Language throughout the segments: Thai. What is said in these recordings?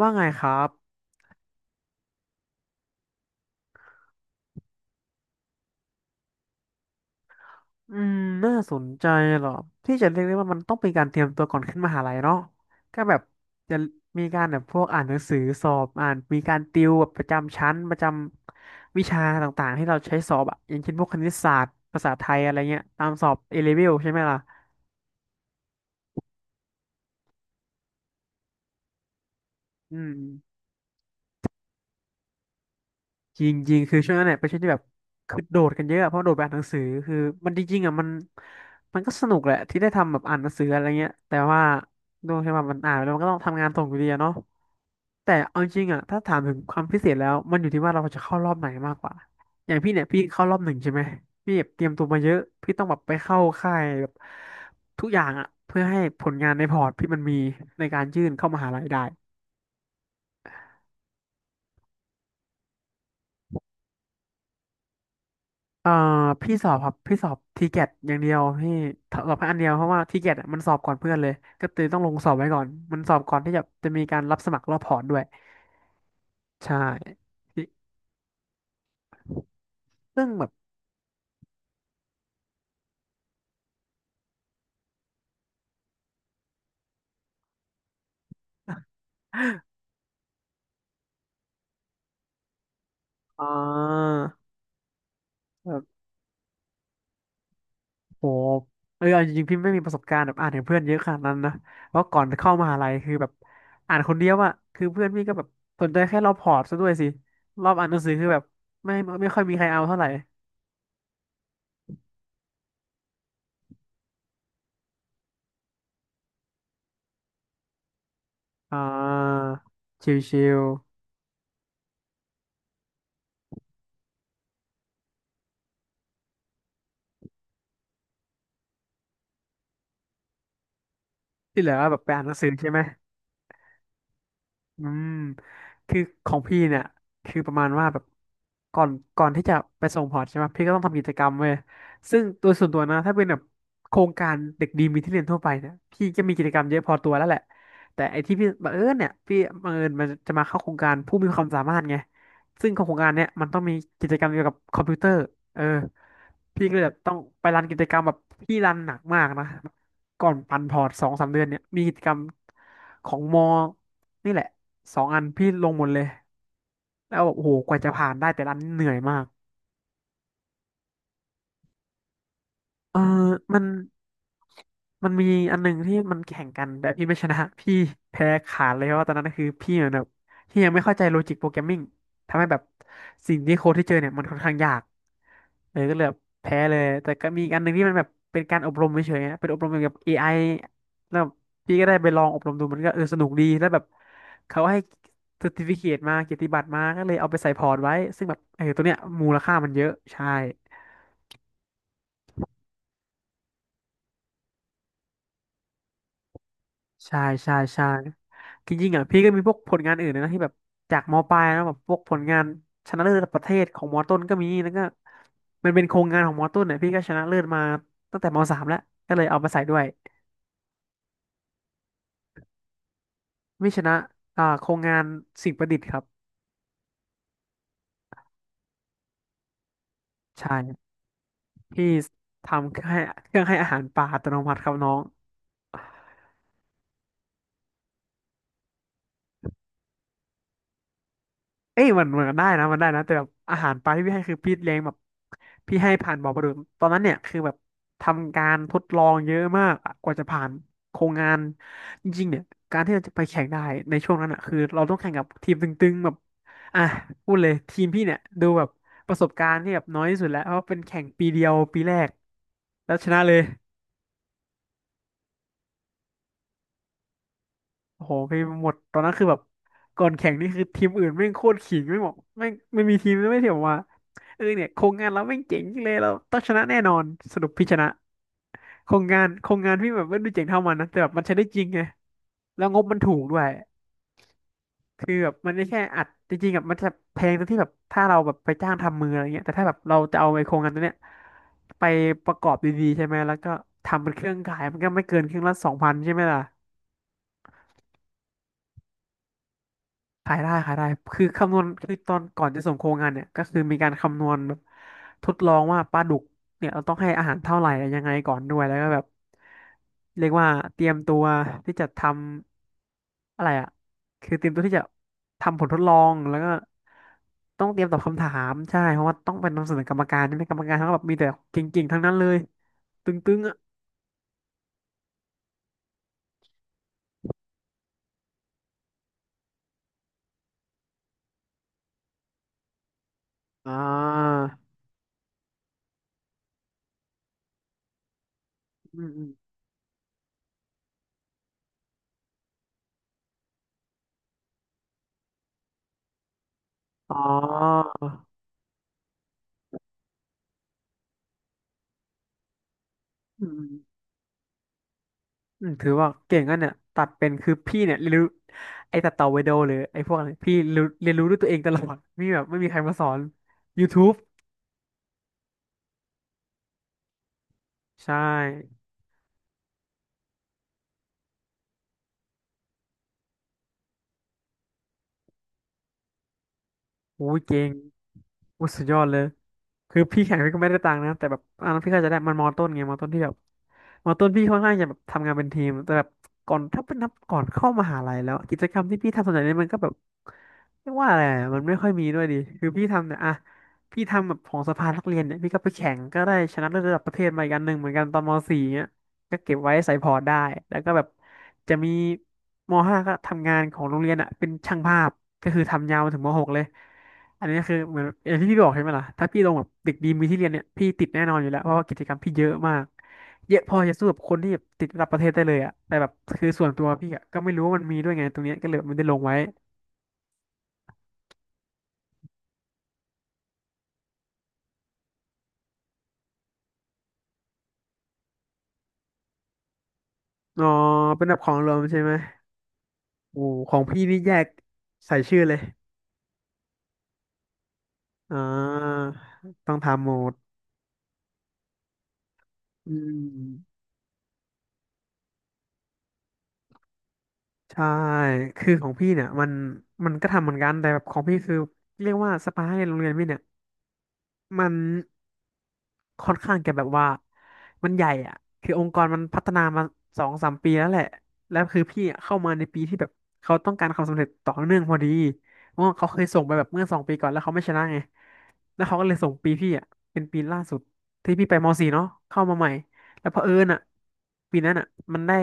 ว่าไงครับ อืม น่าสนใจเหรอ ที่จะเรียกได้ว่ามันต้องเป็นการเตรียมตัวก่อนขึ้นมหาลัยเนาะก็แบบจะมีการแบบพวกอ่านหนังสือสอบอ่านมีการติวแบบประจำชั้นประจำวิชาต่างๆ ที่เราใช้สอบอะอย่างเช่นพวกคณิตศาสตร์ภาษาไทยอะไรเงี้ย ตามสอบเอเลเวลใช่ไหมล่ะ อืม จริงจริงคือช่วงนั้นเนี่ยเป็นช่วงที่แบบคือโดดกันเยอะอะเพราะโดดไปอ่านหนังสือคือมันจริงๆอ่ะมันก็สนุกแหละที่ได้ทำแบบอ่านหนังสืออะไรเงี้ยแต่ว่าด้วยที่ว่ามันอ่านไปแล้วมันก็ต้องทำงานส่งอยู่ดีอะเนาะแต่เอาจริงอ่ะถ้าถามถึงความพิเศษแล้วมันอยู่ที่ว่าเราจะเข้ารอบไหนมากกว่าอย่างพี่เนี่ยพี่เข้ารอบหนึ่งใช่ไหมพี่แบบเตรียมตัวมาเยอะพี่ต้องแบบไปเข้าค่ายแบบทุกอย่างอ่ะเพื่อให้ผลงานในพอร์ตพี่มันมีในการยื่นเข้ามหาลัยได้ เอ่อพี่สอบครับพี่สอบทีเกตอย่างเดียวพี่สอบแค่อันเดียวเพราะว่าทีเกตมันสอบก่อนเพื่อนเลยก็เลยต้องลงสอบไว้ก่อนมันสอบก่อนที่จะมีการรับสมัครรอบพอร์ตด้วยใช่พี่ซึ่งแบบ อ่าแบบโหเออเอาจริงๆพี่ไม่มีประสบการณ์แบบอ่านถึงเพื่อนเยอะขนาดนั้นนะเพราะก่อนเข้ามหาลัยคือแบบอ่านคนเดียวอะคือเพื่อนพี่ก็แบบสนใจแค่รอบพอร์ตซะด้วยสิรอบอ่านหนังสือคือแบบไม่ไม่ค่อยมีใครเอาเท่าไหร่อ่าชิว ที่เหลือแบบไปอ่านหนังสือใช่ไหม อืมคือของพี่เนี่ยคือประมาณว่าแบบก่อนก่อนที่จะไปส่งพอร์ตใช่ไหม พี่ก็ต้องทำกิจกรรมเว้ยซึ่งตัวส่วนตัวนะ ถ้าเป็นแบบโครงการเด็กดีมีที่เรียนทั่วไปเนี่ยพี่จะมีกิจกรรมเยอะพอตัวแล้วแหละ แต่ไอ้ที่พี่บังเอิญเนี่ย พี่บังเอิญมันจะมาเข้าโครงการผู้มีความสามารถไงซึ่งของโครงการเนี่ยมันต้องมีกิจกรรมเกี่ยวกับคอมพิวเตอร์เออพี่ก็เลยแบบต้องไปรันกิจกรรมแบบพี่รันหนักมากนะก่อนปั่นพอร์ตสองสามเดือนเนี่ยมีกิจกรรมของม นี่แหละสองอันพี่ลงหมดเลยแล้วแบบโอ้โหกว่าจะผ่านได้แต่ละอันเหนื่อยมาก เออมันมันมีอันหนึ่งที่มันแข่งกันแต่พี่ไม่ชนะพี่แพ้ขาดเลยเพราะว่าตอนนั้นคือพี่เหมือนแบบพี่ยังไม่เข้าใจโลจิกโปรแกรมมิ่งทำให้แบบสิ่งที่โค้ดที่เจอเนี่ยมันค่อนข้างยากเลยก็เลยแบบแพ้เลยแต่ก็มีอีกอันหนึ่งที่มันแบบเป็นการอบรมเฉยๆนะเป็นอบรมเกี่ยวกับเอไอแล้วพี่ก็ได้ไปลองอบรมดูมันก็เออสนุกดีแล้วแบบเขาให้ซอร์ติฟิเคตมาเกียรติบัตรมาก็เลยเอาไปใส่พอร์ตไว้ซึ่งแบบเออตัวเนี้ยมูลค่ามันเยอะใช่ ใช่ใช่ใช่จริงๆอ่ะพี่ก็มีพวกผลงานอื่นนะที่แบบจากมปลายนะแบบพวกผลงานชนะเลิศระดับประเทศของมต้นก็มีแล้วก็มันเป็นโครงงานของมต้นเนี่ยพี่ก็ชนะเลิศมาตั้งแต่มสามแล้วก็เลยเอามาใส่ด้วยไม่ชนะอ่าโครงงานสิ่งประดิษฐ์ครับใช่พี่ทำเครื่องให้เครื่องให้อาหารปลาอัตโนมัติครับน้อง เอ้ยมันได้นะมันได้นะแต่แบบอาหารปลาที่พี่ให้คือพี่เลี้ยงแบบพี่ให้ผ่านบ่อปลาดุกตอนนั้นเนี่ยคือแบบทำการทดลองเยอะมากอะกว่าจะผ่านโครงงานจริงๆเนี่ยการที่เราจะไปแข่งได้ในช่วงนั้นอ่ะคือเราต้องแข่งกับทีมตึงๆแบบอ่ะพูดเลยทีมพี่เนี่ยดูแบบประสบการณ์ที่แบบน้อยที่สุดแล้วเพราะเป็นแข่งปีเดียวปีแรกแล้วชนะเลย โอ้โหพี่หมดตอนนั้นคือแบบก่อนแข่งนี่คือทีมอื่นแม่งโคตรขิงไม่บอกไม่งไม่มีทีมไม่เถียงว่าเออเนี่ยโครงงานเราแม่งเจ๋งจังเลยเราต้องชนะแน่นอนสรุปพี่ชนะโครงงานพี่แบบไม่ดูเจ๋งเท่ามันนะแต่แบบมันใช้ได้จริงไงแล้วงบมันถูกด้วยคือแบบมันไม่แค่อัดจริงๆแบบมันจะแพงตรงที่แบบถ้าเราแบบไปจ้างทำมืออะไรเงี้ยแต่ถ้าแบบเราจะเอาไอ้โครงงานตัวเนี้ยไปประกอบดีๆใช่ไหมแล้วก็ทำเป็นเครื่องขายมันก็ไม่เกินเครื่องละสองพันใช่ไหมล่ะ ขายได้ขายได้คือคำนวณคือตอนก่อนจะส่งโครงงานเนี่ยก็คือมีการคำนวณแบบทดลองว่าปลาดุกเนี่ยเราต้องให้อาหารเท่าไหร่ยังไงก่อนด้วยแล้วก็แบบเรียกว่าเตรียมตัวที่จะทำอะไรอ่ะคือเตรียมตัวที่จะทำผลทดลองแล้วก็ต้องเตรียมตอบคำถามใช่เพราะว่าต้องเป็นนำเสนอกรรมการใช่ไหมกรรมการทั้งแบบมีแต่เก่งๆทั้งนั้นเลยตึงๆอ่ะอ่าอืมอมอ๋ออืม อืมถือว่าเก่งกันเนี่ยตัดเป็นคือพี่เนี่ยเรียนรู้ไอ้ตัดต่อวิดีโอหรือไอ้พวกอะไรเรียนรู้ด้วยตัวเองตลอดมีแบบไม่มีใครมาสอน YouTube ใช่ อู้เก่งอู้สุดยอดเลยคือพี่แข่งพี่ก็ไม่ได้ตังค์นะแต่แบบพี่ก็จะได้มันมอต้นไงมอต้นที่แบบมอต้นพี่ค่อนข้างจะแบบทำงานเป็นทีมแต่แบบก่อนถ้าเป็นนับก่อนเข้ามหาลัยแล้วกิจกรรมที่พี่ทำส่วนใหญ่เนี่ยมันก็แบบเรียกว่าอะไรอะมันไม่ค่อยมีด้วยดิคือพี่ทำเนี่ยอะพี่ทำแบบของสภานักเรียนเนี่ยพี่ก็ไปแข่งก็ได้ชนะเลิศระดับประเทศมาอีกอันหนึ่งเหมือนกันตอนม .4 เนี่ย ก็เก็บไว้ใส่พอร์ตได้ แล้วก็แบบจะมีมห้าก็ทำงานของโรงเรียนอ่ะเป็นช่างภาพก็คือทำยาวมาถึงมหกเลยอันนี้คือเหมือนอย่างที่พี่บอกใช่ไหมล่ะถ้าพี่ลงแบบเด็กดีมีที่เรียนเนี่ยพี่ติดแน่นอนอยู่แล้วเพราะว่ากิจกรรมพี่เยอะมากเยอะพอจะสู้กับคนที่แบบติดระดับประเทศได้เลยอ่ะแต่แบบคือส่วนตัวพี่อะก็ไม่รู้ว่ามันมีด้วยไงตรงเนี้ยก็เลยไม่ได้ลงไว้อ๋อเป็นแบบของรวมใช่ไหมโอ้ของพี่นี่แยกใส่ชื่อเลยอ่าต้องทำโหมดอืม ใช่ คือของพี่เนี่ยมันก็ทำเหมือนกัน แต่แบบของพี่คือเรียกว่าสปาให้โรงเรียนพี่เนี่ยมัน ค่อนข้างจะแบบว่ามันใหญ่อ่ะคือองค์กรมันพัฒนามาสองสามปีแล้วแหละแล้วคือพี่อะเข้ามาในปีที่แบบเขาต้องการความสำเร็จต่อเนื่องพอดีเพราะว่าเขาเคยส่งไปแบบเมื่อสองปีก่อนแล้วเขาไม่ชนะไงแล้วเขาก็เลยส่งปีพี่อ่ะเป็นปีล่าสุดที่พี่ไปม .4 เนาะเข้ามาใหม่แล้วเผอิญอ่ะปีนั้นอ่ะมันได้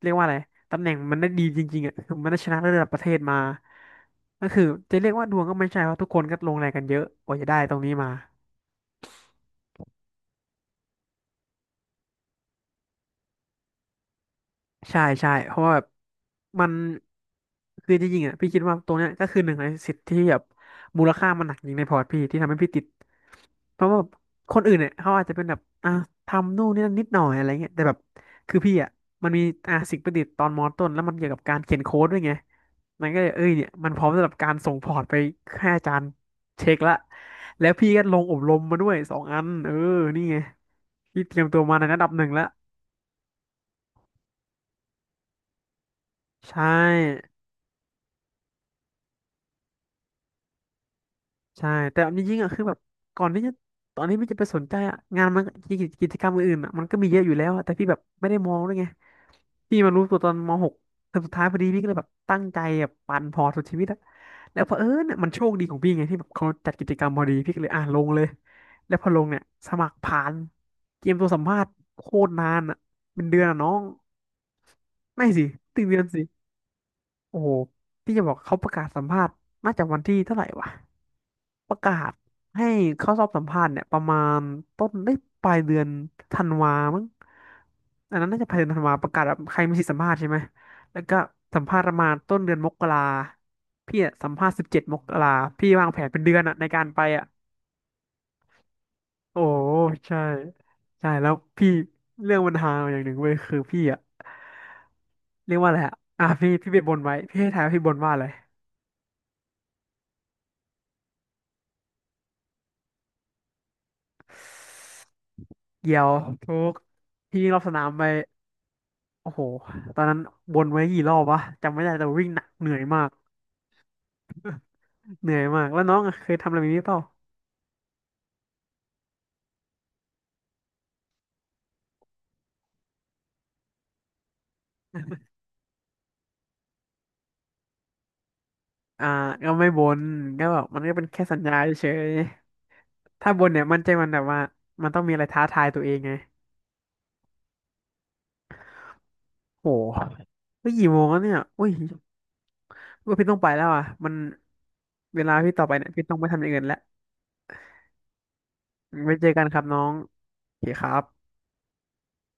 เรียกว่าอะไรตำแหน่งมันได้ดีจริงๆอ่ะคือมันได้ชนะระดับประเทศมาก็คือจะเรียกว่าดวงก็ไม่ใช่เพราะทุกคนก็ลงแรงกันเยอะกว่าจะได้ตรงนี้มา ใช่ใช่เพราะว่าแบบมันคือจริงๆอ่ะพี่คิดว่าตรงเนี้ยก็คือหนึ่งในสิทธิ์ที่แบบมูลค่ามันหนักจริงในพอร์ตพี่ที่ทำให้พี่ติดเพราะว่าแบบคนอื่นเนี่ยเขาอาจจะเป็นแบบอ่ะทำนู่นนี่นั่นนิดหน่อยอะไรเงี้ยแต่แบบคือพี่อ่ะมันมีสิ่งประดิษฐ์ตอนมอต้นแล้วมันเกี่ยวกับการเขียนโค้ดด้วยไงมันก็เลยเอ้ยเนี่ยมันพร้อมสำหรับการส่งพอร์ตไปให้อาจารย์เช็คละแล้วพี่ก็ลงอบรมมาด้วยสองอันเออนี่ไงพี่เตรียมตัวมาในระดับหนึ่งแล้วใช่ ใช่แต่จริงๆอ่ะคือแบบก่อนที่จะตอนที่พี่จะไปสนใจอ่ะงานมันกิจกรรมอื่นๆอ่ะมันก็มีเยอะอยู่แล้วอะแต่พี่แบบไม่ได้มองด้วยไงพี่มารู้ตัวตอนม .6 เทอมสุดท้ายพอดีพี่ก็เลยแบบตั้งใจแบบปั่นพอร์ตสุดชีวิตอะแล้วเผอิญเนี่ยมันโชคดีของพี่ไงที่แบบเขาจัดกิจกรรมพอดีพี่ก็เลยอ่ะลงเลยแล้วพอลงเนี่ยสมัครผ่านเตรียมตัวสัมภาษณ์โคตรนานอ่ะเป็นเดือนอะน้องไม่สิถึงเดือนสิโอ้โหพี่จะบอกเขาประกาศสัมภาษณ์น่าจะวันที่เท่าไหร่วะ ประกาศให้เข้าสอบสัมภาษณ์เนี่ยประมาณต้นได้ปลายเดือนธันวามั้งอันนั้นน่าจะปลายเดือนธันวาประกาศแบบใครมีสิทธิสัมภาษณ์ใช่ไหมแล้วก็สัมภาษณ์ประมาณต้นเดือนมกราพี่อะสัมภาษณ์17มกราพี่วางแผนเป็นเดือนอะในการไปอะโอ้ใช่ใช่แล้วพี่เรื่องปัญหาอย่างหนึ่งเว้ยคือพี่อะเรียกว่าอะไรอะอ่ะพี่ไปบนไว้พี่ให้ทายว่าพี่บนว่าอะไรเกี่ยวทุกพี่วิ่งรอบสนามไป โอ้โหตอนนั้นวนไว้กี่รอบวะจำไม่ได้แต่วิ่งหนักเหนื่อยมากเหนื่อยมาก แล้วน้องอะเคยทำอะไรแบบนี้เปล่าอ่าก็ไม่บนก็แบบมันก็เป็นแค่สัญญาเฉยๆถ้าบนเนี่ยมันใจมันแบบว่ามันต้องมีอะไรท้าทายตัวเองไงโหเฮ้ยกี่โมงแล้วเนี่ยอุ้ยว่าพี่ต้องไปแล้วอ่ะมันเวลาพี่ต่อไปเนี่ยพี่ต้องไปทำอย่างอื่นแล้วไว้เจอกันครับน้องโอเคครับ